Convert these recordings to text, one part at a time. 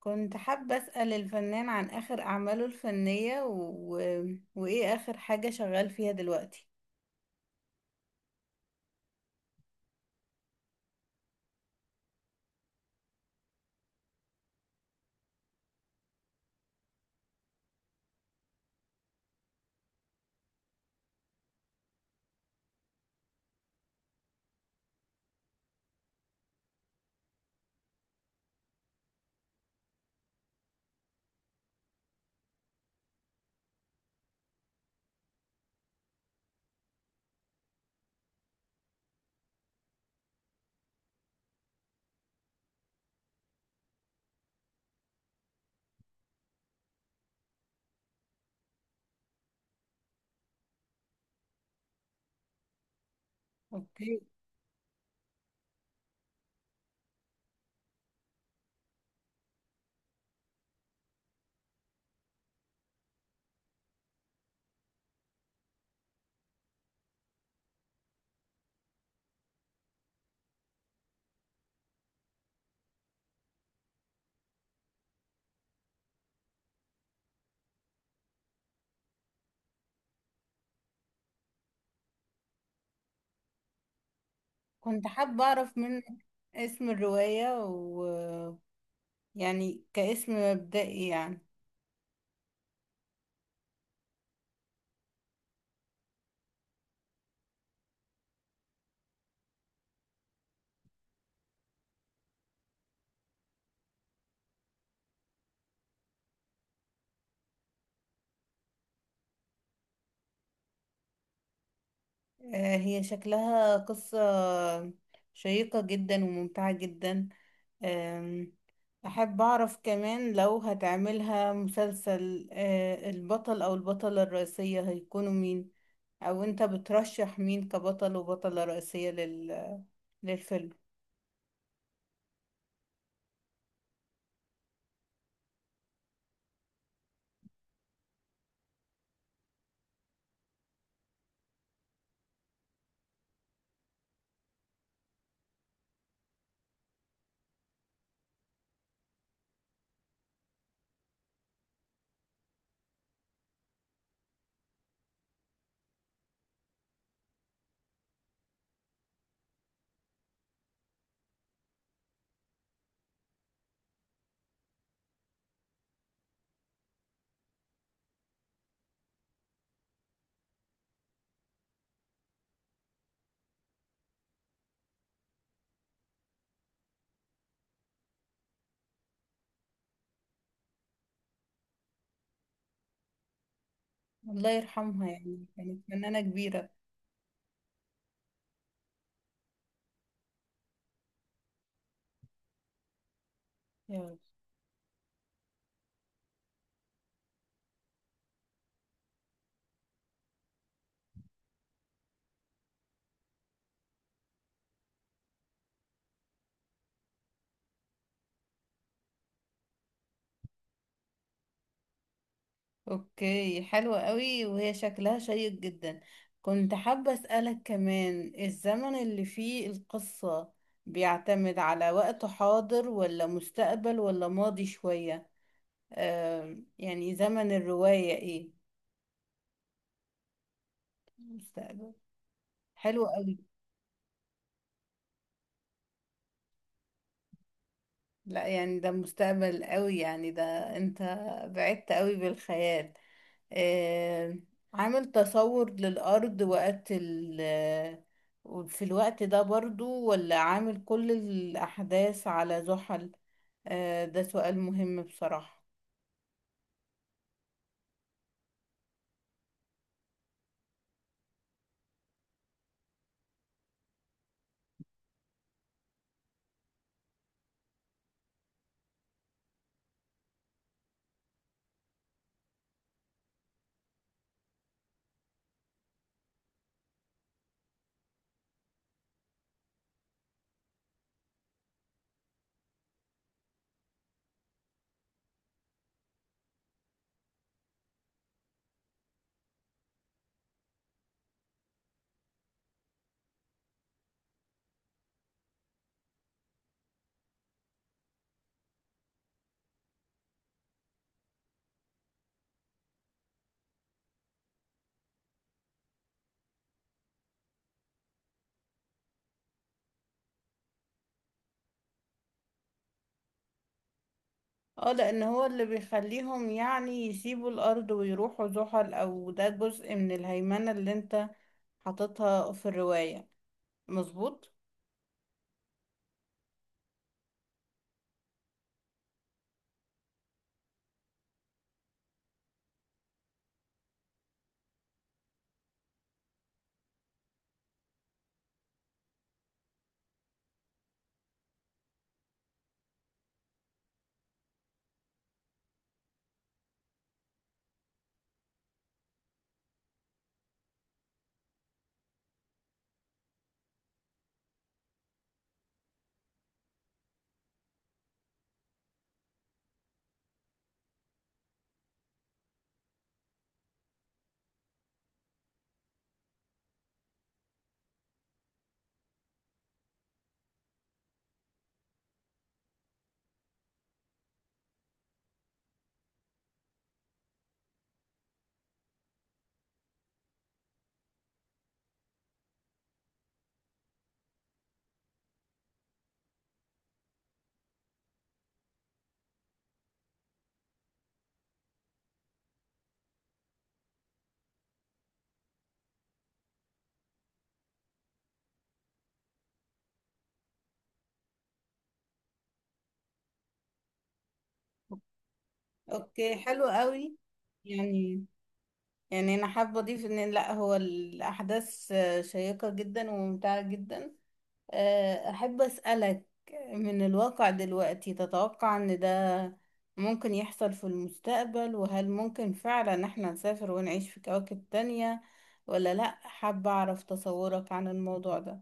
كنت حابة أسأل الفنان عن آخر أعماله الفنية وإيه آخر حاجة شغال فيها دلوقتي. أوكي. كنت حابة أعرف من اسم الرواية و يعني كاسم مبدئي يعني. هي شكلها قصة شيقة جدا وممتعة جدا. آم، أحب أعرف كمان لو هتعملها مسلسل، البطل أو البطلة الرئيسية هيكونوا مين؟ او انت بترشح مين كبطل وبطلة رئيسية للفيلم؟ الله يرحمها، يعني كانت فنانة كبيرة. يا رب. اوكي، حلوة قوي وهي شكلها شيق جدا. كنت حابة اسألك كمان، الزمن اللي فيه القصة بيعتمد على وقت حاضر ولا مستقبل ولا ماضي شوية؟ يعني زمن الرواية ايه؟ مستقبل؟ حلو قوي. لا، يعني ده مستقبل قوي، يعني ده انت بعدت قوي بالخيال. آه، عامل تصور للأرض وقت في الوقت ده برضو، ولا عامل كل الأحداث على زحل؟ ده سؤال مهم بصراحة. اه، لأن هو اللي بيخليهم يعني يسيبوا الأرض ويروحوا زحل، أو ده جزء من الهيمنة اللي انت حاططها في الرواية؟ مظبوط؟ اوكي، حلو قوي. يعني يعني انا حابه اضيف ان لا، هو الاحداث شيقه جدا وممتعه جدا. احب اسالك، من الواقع دلوقتي تتوقع ان ده ممكن يحصل في المستقبل؟ وهل ممكن فعلا احنا نسافر ونعيش في كواكب تانية ولا لا؟ حابه اعرف تصورك عن الموضوع ده.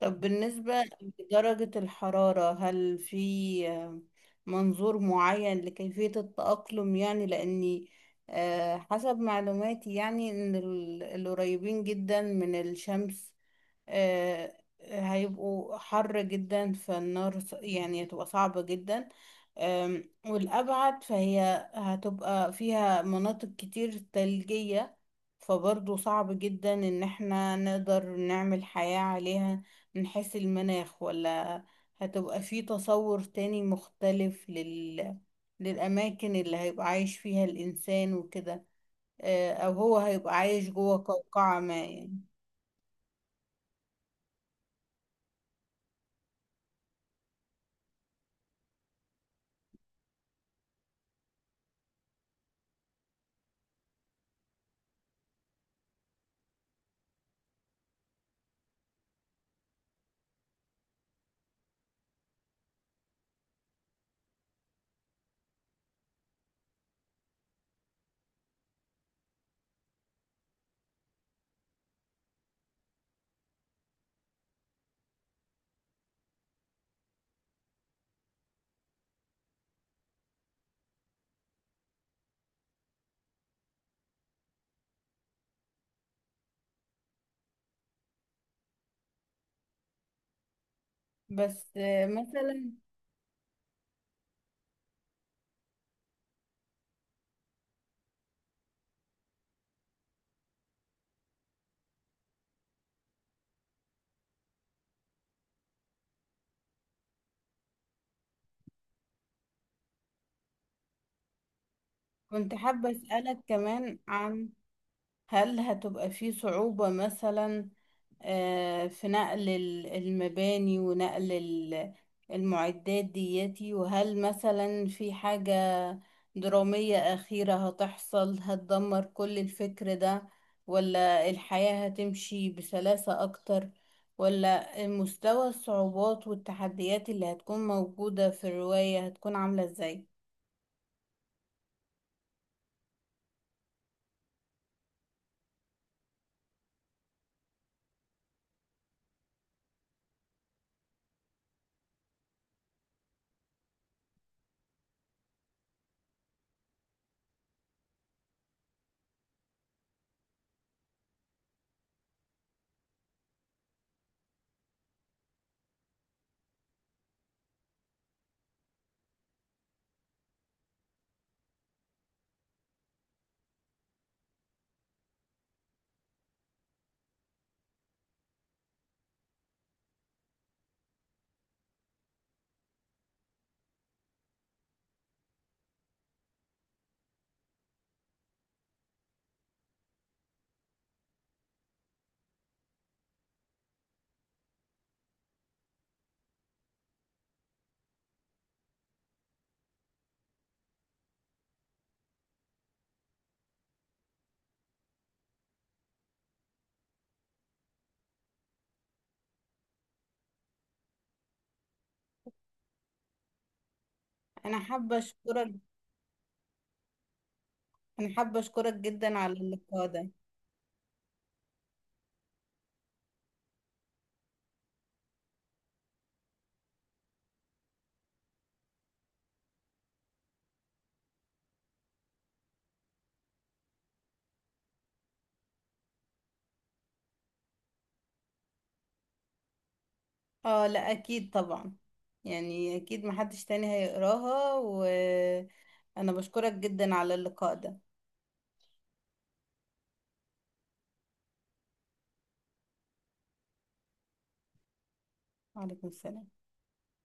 طب بالنسبة لدرجة الحرارة، هل في منظور معين لكيفية التأقلم؟ يعني لأني حسب معلوماتي، يعني إن القريبين جدا من الشمس، آه، هيبقوا حر جدا، فالنار يعني هتبقى صعبة جدا. والأبعد فهي هتبقى فيها مناطق كتير ثلجية، فبرضه صعب جدا إن احنا نقدر نعمل حياة عليها من حيث المناخ. ولا هتبقى في تصور تاني مختلف للأماكن اللي هيبقى عايش فيها الإنسان وكده؟ أو هو هيبقى عايش جوه قوقعة ما، يعني؟ بس مثلا، كنت حابة أسألك كمان عن، هل هتبقى في صعوبة مثلا في نقل المباني ونقل المعدات دياتي؟ وهل مثلا في حاجة درامية أخيرة هتحصل هتدمر كل الفكر ده، ولا الحياة هتمشي بسلاسة أكتر؟ ولا مستوى الصعوبات والتحديات اللي هتكون موجودة في الرواية هتكون عاملة إزاي؟ أنا حابة أشكرك. انا حابة اشكرك جدا على اللقاء ده. اه، لا اكيد طبعا، يعني اكيد محدش تاني هيقراها، وانا بشكرك جدا على اللقاء ده. وعليكم السلام.